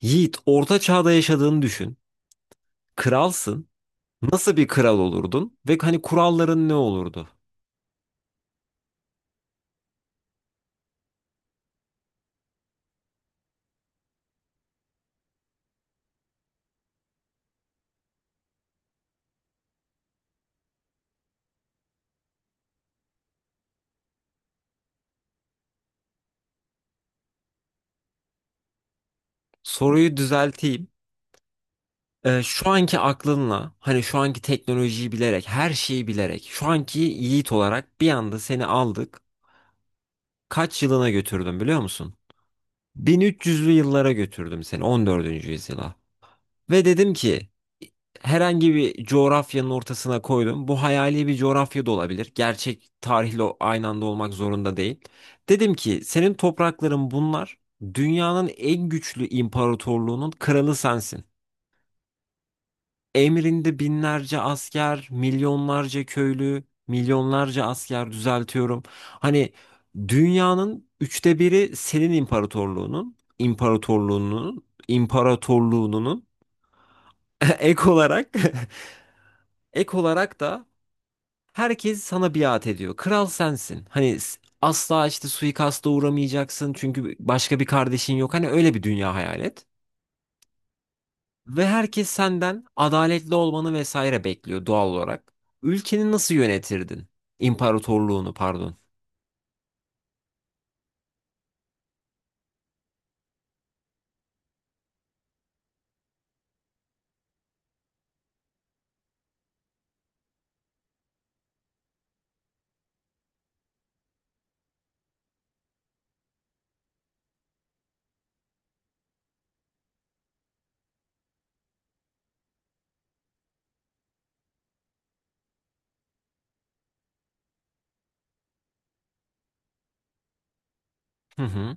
Yiğit, orta çağda yaşadığını düşün. Kralsın. Nasıl bir kral olurdun? Ve hani kuralların ne olurdu? Soruyu düzelteyim. Şu anki aklınla, hani şu anki teknolojiyi bilerek, her şeyi bilerek, şu anki Yiğit olarak bir anda seni aldık. Kaç yılına götürdüm biliyor musun? 1300'lü yıllara götürdüm seni, 14. yüzyıla. Ve dedim ki herhangi bir coğrafyanın ortasına koydum. Bu hayali bir coğrafya da olabilir. Gerçek tarihle aynı anda olmak zorunda değil. Dedim ki senin toprakların bunlar. Dünyanın en güçlü imparatorluğunun kralı sensin. Emrinde binlerce asker, milyonlarca köylü, milyonlarca asker düzeltiyorum. Hani dünyanın üçte biri senin imparatorluğunun. ek olarak Ek olarak da herkes sana biat ediyor. Kral sensin. Hani asla işte suikasta uğramayacaksın çünkü başka bir kardeşin yok. Hani öyle bir dünya hayal et. Ve herkes senden adaletli olmanı vesaire bekliyor doğal olarak. Ülkeni nasıl yönetirdin? İmparatorluğunu pardon. Hı hı.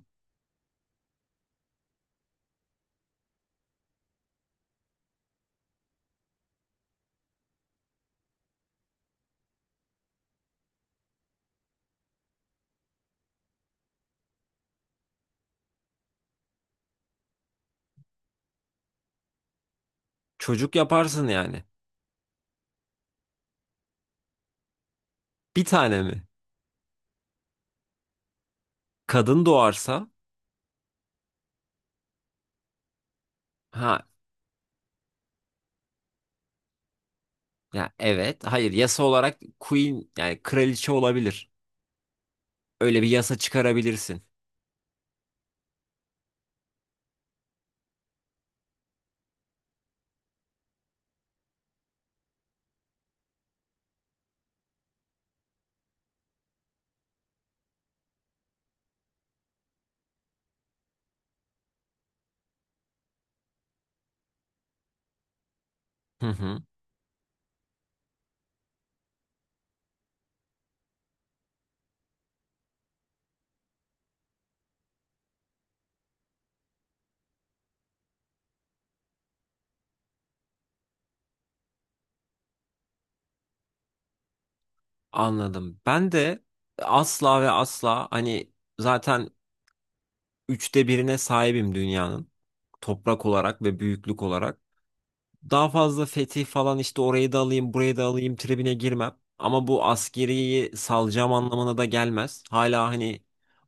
Çocuk yaparsın yani. Bir tane mi? Kadın doğarsa? Ha, ya evet. Hayır, yasa olarak queen yani kraliçe olabilir. Öyle bir yasa çıkarabilirsin. Hı hı. Anladım. Ben de asla ve asla hani zaten üçte birine sahibim dünyanın. Toprak olarak ve büyüklük olarak. Daha fazla fetih falan işte orayı da alayım, burayı da alayım tribine girmem. Ama bu askeriyi salacağım anlamına da gelmez. Hala hani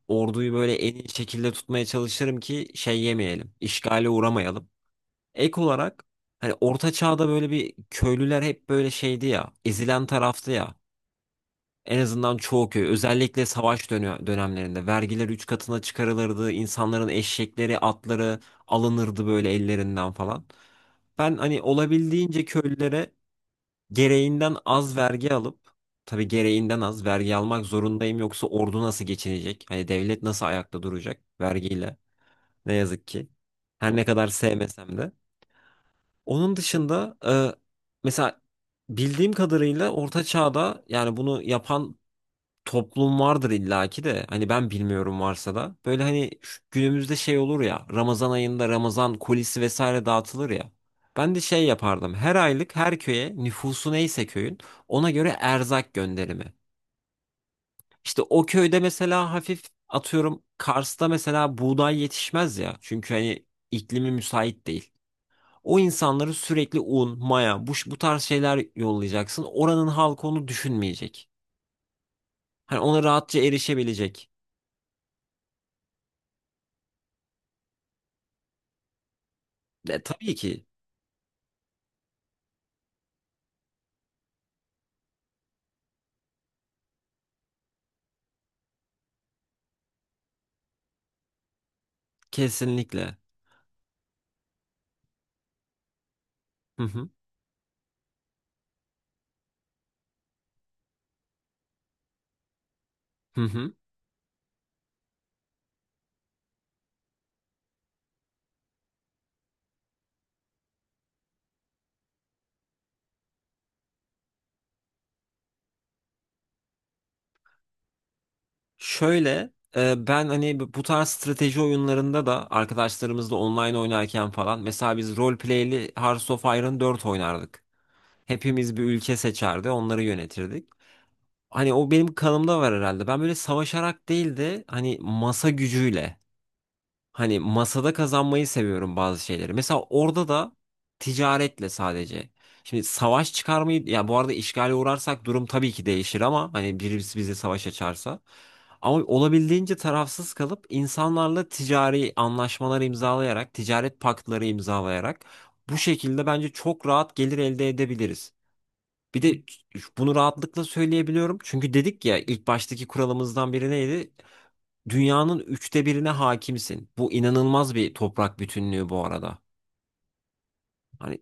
orduyu böyle en iyi şekilde tutmaya çalışırım ki şey yemeyelim, işgale uğramayalım. Ek olarak hani Orta Çağ'da böyle bir köylüler hep böyle şeydi ya, ezilen taraftı ya. En azından çoğu köy özellikle savaş dönemlerinde vergiler 3 katına çıkarılırdı. İnsanların eşekleri, atları alınırdı böyle ellerinden falan. Ben hani olabildiğince köylülere gereğinden az vergi alıp tabii gereğinden az vergi almak zorundayım yoksa ordu nasıl geçinecek? Hani devlet nasıl ayakta duracak vergiyle? Ne yazık ki. Her ne kadar sevmesem de. Onun dışında mesela bildiğim kadarıyla Orta Çağ'da yani bunu yapan toplum vardır illaki de, hani ben bilmiyorum, varsa da böyle hani şu günümüzde şey olur ya, Ramazan ayında Ramazan kolisi vesaire dağıtılır ya. Ben de şey yapardım. Her aylık her köye nüfusu neyse köyün ona göre erzak gönderimi. İşte o köyde mesela hafif, atıyorum Kars'ta mesela buğday yetişmez ya. Çünkü hani iklimi müsait değil. O insanları sürekli un, maya, bu tarz şeyler yollayacaksın. Oranın halkı onu düşünmeyecek. Hani ona rahatça erişebilecek. Tabii ki. Kesinlikle. Hı hı. Hı hı. Şöyle, ben hani bu tarz strateji oyunlarında da arkadaşlarımızla online oynarken falan mesela biz roleplay'li Hearts of Iron 4 oynardık. Hepimiz bir ülke seçerdi, onları yönetirdik. Hani o benim kanımda var herhalde. Ben böyle savaşarak değil de hani masa gücüyle. Hani masada kazanmayı seviyorum bazı şeyleri. Mesela orada da ticaretle sadece. Şimdi savaş çıkarmayı, ya bu arada işgale uğrarsak durum tabii ki değişir ama hani birisi bize savaş açarsa. Ama olabildiğince tarafsız kalıp insanlarla ticari anlaşmalar imzalayarak, ticaret paktları imzalayarak bu şekilde bence çok rahat gelir elde edebiliriz. Bir de bunu rahatlıkla söyleyebiliyorum. Çünkü dedik ya, ilk baştaki kuralımızdan biri neydi? Dünyanın üçte birine hakimsin. Bu inanılmaz bir toprak bütünlüğü bu arada. Hani,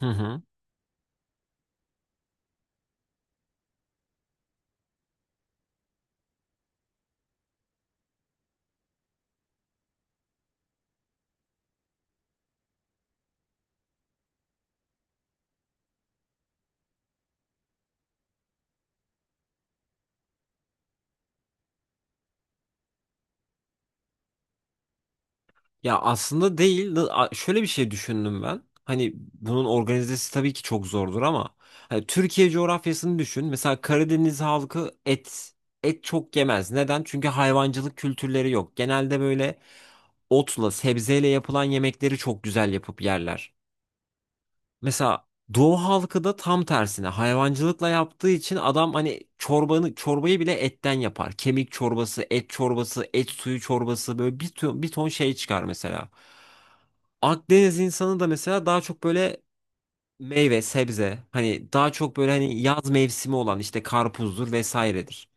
hı hı. Ya aslında değil. Şöyle bir şey düşündüm ben. Hani bunun organizesi tabii ki çok zordur ama hani Türkiye coğrafyasını düşün. Mesela Karadeniz halkı et çok yemez. Neden? Çünkü hayvancılık kültürleri yok. Genelde böyle otla, sebzeyle yapılan yemekleri çok güzel yapıp yerler. Mesela Doğu halkı da tam tersine hayvancılıkla yaptığı için adam hani çorbayı bile etten yapar. Kemik çorbası, et çorbası, et suyu çorbası böyle bir ton, bir ton şey çıkar mesela. Akdeniz insanı da mesela daha çok böyle meyve, sebze, hani daha çok böyle hani yaz mevsimi olan işte karpuzdur vesairedir.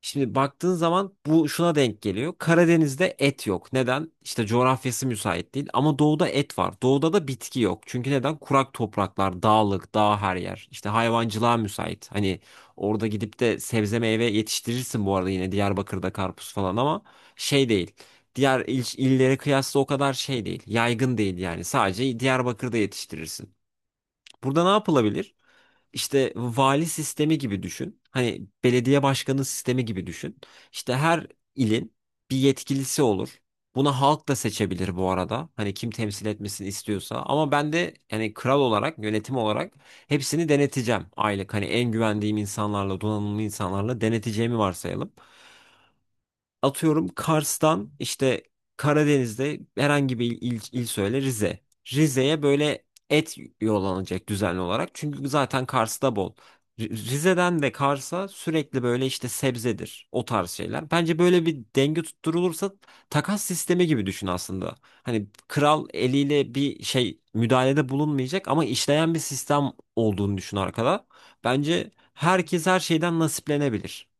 Şimdi baktığın zaman bu şuna denk geliyor. Karadeniz'de et yok. Neden? İşte coğrafyası müsait değil. Ama doğuda et var. Doğuda da bitki yok. Çünkü neden? Kurak topraklar, dağlık, dağ her yer. İşte hayvancılığa müsait. Hani orada gidip de sebze meyve yetiştirirsin bu arada, yine Diyarbakır'da karpuz falan ama şey değil. Diğer illere kıyasla o kadar şey değil. Yaygın değil yani. Sadece Diyarbakır'da yetiştirirsin. Burada ne yapılabilir? İşte vali sistemi gibi düşün. Hani belediye başkanı sistemi gibi düşün. İşte her ilin bir yetkilisi olur. Buna halk da seçebilir bu arada. Hani kim temsil etmesini istiyorsa. Ama ben de yani kral olarak, yönetim olarak hepsini deneteceğim aylık. Hani en güvendiğim insanlarla, donanımlı insanlarla deneteceğimi varsayalım. Atıyorum Kars'tan işte Karadeniz'de herhangi bir il, söyle Rize. Rize'ye böyle et yollanacak düzenli olarak. Çünkü zaten Kars'ta bol. Rize'den de Kars'a sürekli böyle işte sebzedir o tarz şeyler. Bence böyle bir denge tutturulursa takas sistemi gibi düşün aslında. Hani kral eliyle bir şey müdahalede bulunmayacak ama işleyen bir sistem olduğunu düşün arkada. Bence herkes her şeyden nasiplenebilir.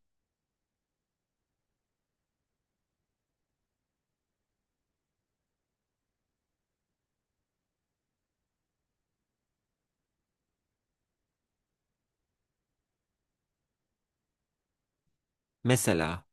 Mesela.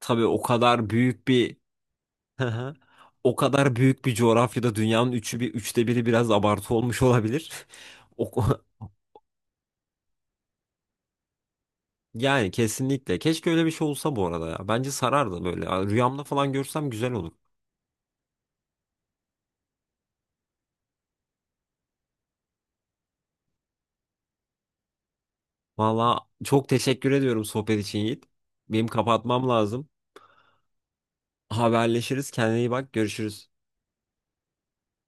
Tabii o kadar büyük bir. Hı hı. O kadar büyük bir coğrafyada dünyanın üçü bir üçte biri biraz abartı olmuş olabilir. O, yani kesinlikle. Keşke öyle bir şey olsa bu arada ya. Bence sarardı böyle. Ya rüyamda falan görsem güzel olur. Valla çok teşekkür ediyorum sohbet için Yiğit. Benim kapatmam lazım. Haberleşiriz. Kendine iyi bak. Görüşürüz.